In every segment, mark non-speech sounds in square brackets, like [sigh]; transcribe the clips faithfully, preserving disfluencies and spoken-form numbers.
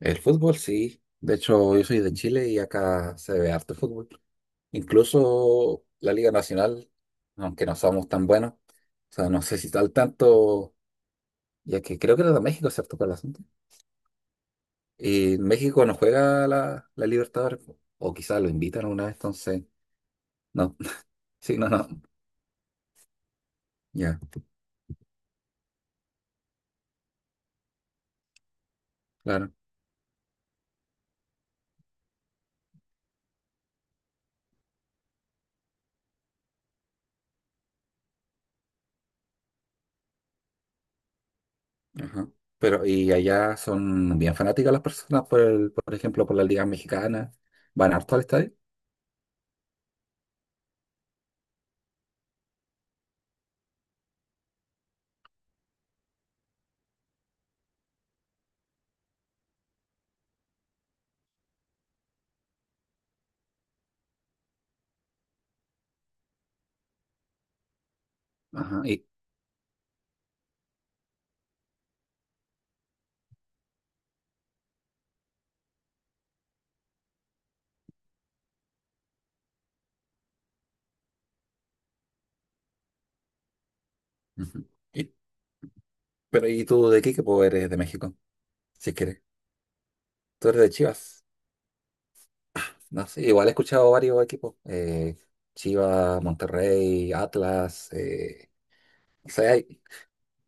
El fútbol sí. De hecho, yo soy de Chile y acá se ve harto fútbol. Incluso la Liga Nacional, aunque no somos tan buenos, o sea, no sé si está al tanto, ya que creo que era de México, ¿cierto? Para el asunto. Y México no juega la, la Libertadores, po. O quizás lo invitan una vez, entonces, no. [laughs] Sí, no, no. Ya, claro. Ajá. Pero, y allá son bien fanáticas las personas, por el- por ejemplo, por la Liga Mexicana. Van harto al estadio. Ajá. Y, ujú. Pero ¿y tú de qué equipo eres de México? Si quieres. Tú eres de Chivas. No sé, igual he escuchado varios equipos. eh, Chivas, Monterrey, Atlas. Eh, o sea, hay-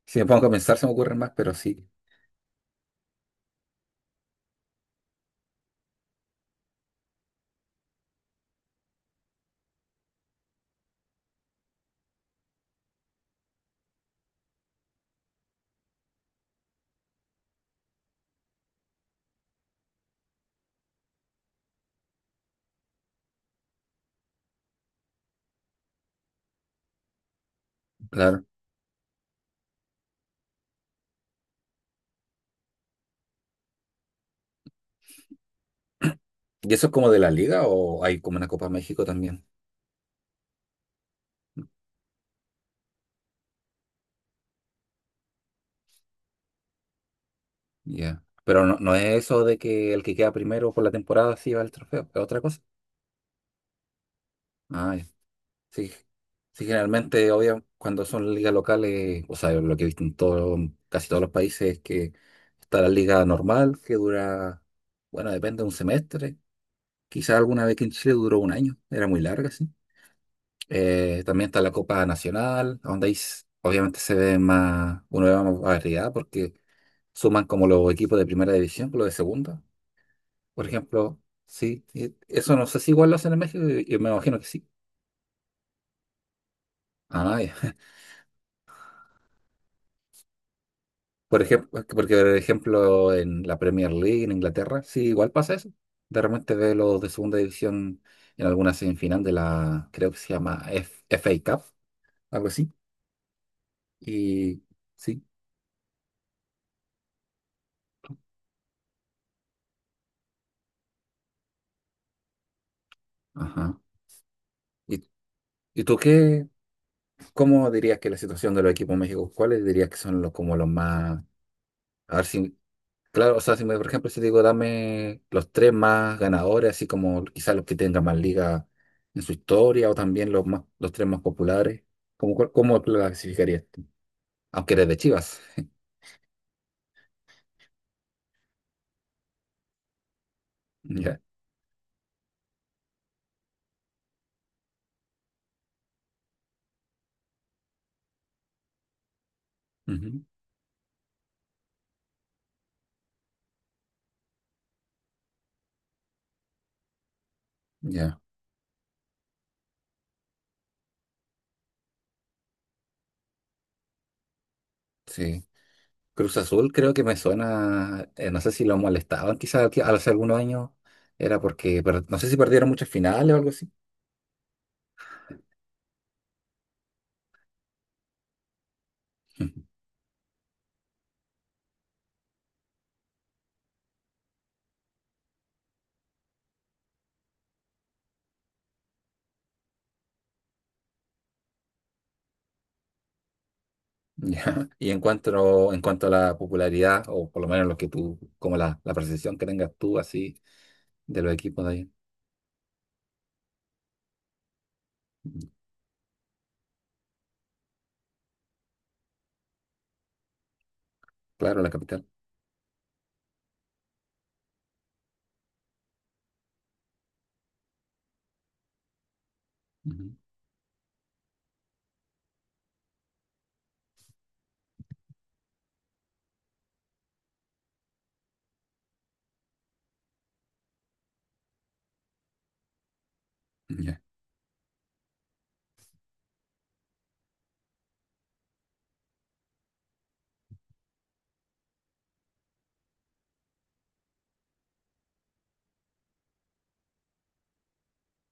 si me pongo a pensar se me ocurren más, pero sí, claro. ¿Y eso es como de la liga o hay como una Copa México también? Ya. Pero no, no es eso de que el que queda primero por la temporada sí va al trofeo, es otra cosa. Ah, sí, sí, generalmente, obvio, cuando son ligas locales, o sea, lo que he visto en todo, casi todos los países es que está la liga normal, que dura, bueno, depende de un semestre. Quizás alguna vez que en Chile duró un año, era muy larga, sí. Eh, también está la Copa Nacional, donde ahí s- obviamente se ve más, uno ve más variedad porque suman como los equipos de primera división con los de segunda. Por ejemplo, sí, y eso no sé si igual lo hacen en México, yo yo me imagino que sí. Ah, ya. Por ejemplo, porque por ejemplo en la Premier League en Inglaterra, sí, igual pasa eso. De repente ve los de segunda división en alguna semifinal de la, creo que se llama F- FA Cup, algo así. Y sí, ajá. ¿Y, y tú qué, cómo dirías que la situación de los equipos en México? ¿Cuáles dirías que son los como los más, a ver si claro, o sea, si me, por ejemplo, si te digo, dame los tres más ganadores, así como quizás los que tengan más ligas en su historia, o también los más, los tres más populares, ¿cómo, cuál- cómo lo clasificarías tú? Aunque eres de Chivas. [laughs] Ya. Ujú, ya, sí. Cruz Azul creo que me suena, eh, no sé si lo molestaban quizás aquí- hace algunos años, era porque, per- no sé si perdieron muchas finales o algo así. [laughs] Ya. Y en cuanto, en cuanto a la popularidad, o por lo menos lo que tú, como la, la percepción que tengas tú así de los equipos de allá. Claro, la capital. Ujú. Ya.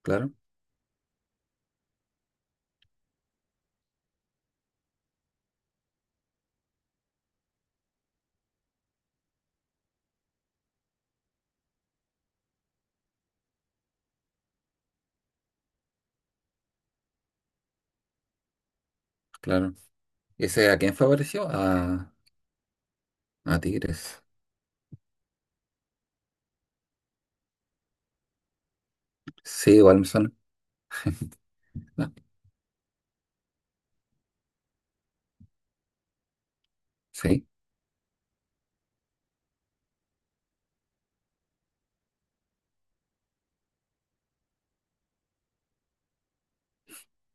Claro, claro. ¿Ese a quién favoreció? A, a Tigres. Sí, igual me suena. Ah, sí.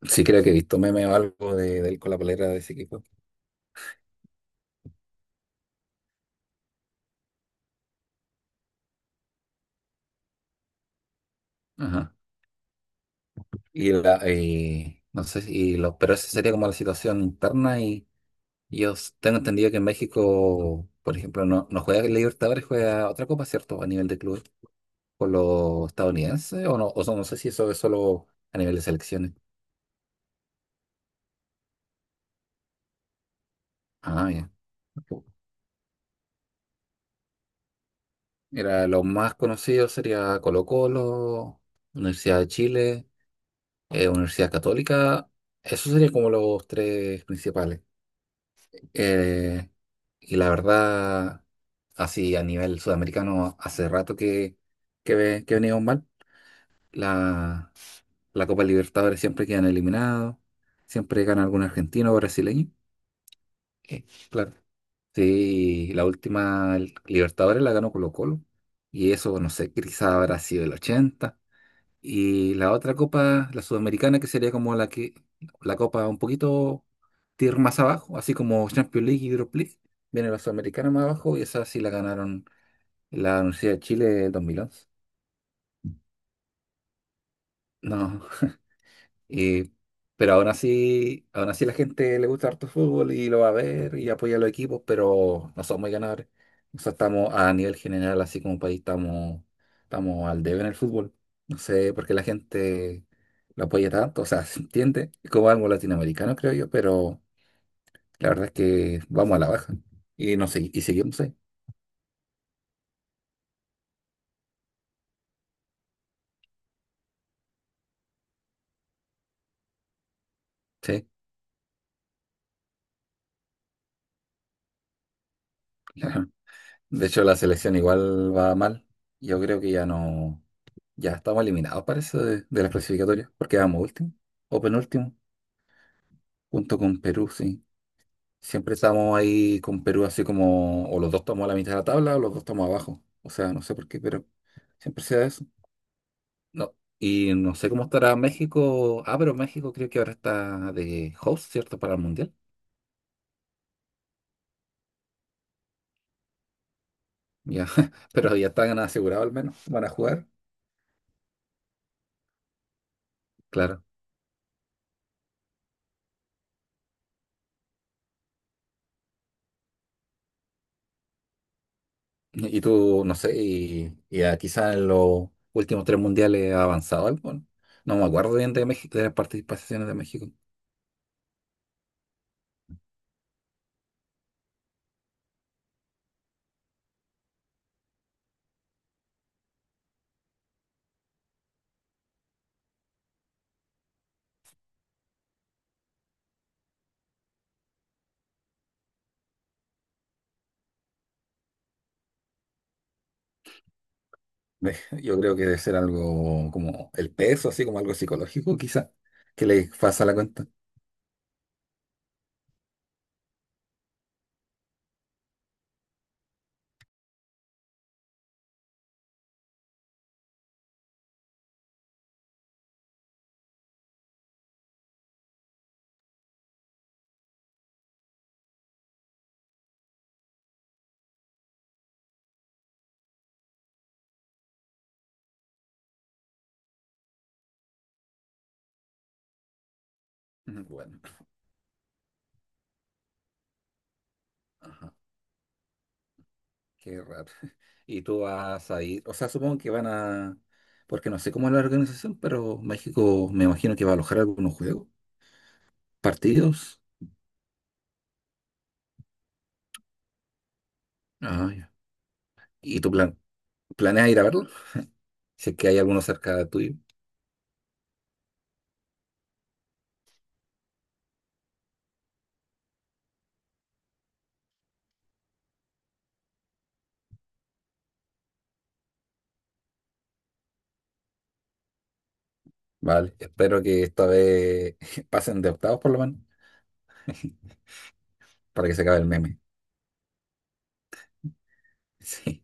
Sí, creo que he visto meme o algo de, de él con la polera de ese equipo. Ajá. Y la, y no sé, si- y lo, pero esa sería como la situación interna y y yo s- tengo entendido que en México, por ejemplo, no, no juega el Libertadores, juega otra copa, ¿cierto? A nivel de club con los estadounidenses o no, o sea, no sé si eso es solo a nivel de selecciones. Ah, ya. Mira, los más conocidos sería Colo-Colo, Universidad de Chile, eh, Universidad Católica. Esos serían como los tres principales. Eh, y la verdad, así a nivel sudamericano, hace rato que, que, ve- que venimos mal. La, la Copa Libertadores siempre quedan eliminados, siempre gana algún argentino o brasileño. Eh, claro. Sí, la última Libertadores la ganó Colo-Colo. Y eso, no sé, quizá habrá sido el ochenta. Y la otra copa, la sudamericana, que sería como la que, la copa un poquito tier más abajo, así como Champions League y Europa League, viene la sudamericana más abajo y esa sí la ganaron la Universidad de Chile en dos mil once. No, Y- pero aún así, aún así la gente le gusta harto fútbol y lo va a ver y apoya a los equipos, pero no somos muy ganadores. O sea, estamos a nivel general, así como país, estamos, estamos al debe en el fútbol. No sé por qué la gente lo apoya tanto. O sea, [laughs] se entiende, es como algo latinoamericano, creo yo, pero la verdad es que vamos a la baja. Y no sé, y seguimos ahí. Sí. [laughs] De hecho, la selección igual va mal. Yo creo que ya no. Ya estamos eliminados, parece, de, de las clasificatorias, porque vamos último o penúltimo, junto con Perú, sí. Siempre estamos ahí con Perú, así como, o los dos estamos a la mitad de la tabla o los dos estamos abajo. O sea, no sé por qué, pero siempre sea eso. No. Y no sé cómo estará México. Ah, pero México creo que ahora está de host, ¿cierto? Para el Mundial. Ya, [laughs] pero ya están asegurados al menos. Van a jugar, claro. ¿No? Y tú, no sé, y, y a quizás en los últimos tres mundiales ha avanzado algo, ¿no? No me acuerdo bien de México, de las participaciones de México. [laughs] Me- Yo creo que debe ser algo como el peso, así como algo psicológico, quizás, que le pasa la cuenta. Mm, bueno, ajá, qué raro. [laughs] Y tú vas a ir, o sea, supongo que van a, porque no sé cómo es la organización, pero México me imagino que va a alojar algunos juegos, partidos. Ah, ya. ¿Y tú plan, planeas ir a verlo? Si es que hay alguno cerca tuyo. Vale, espero que esta vez [laughs] pasen de octavos por lo menos, [laughs] para que se acabe el meme. [laughs] Sí.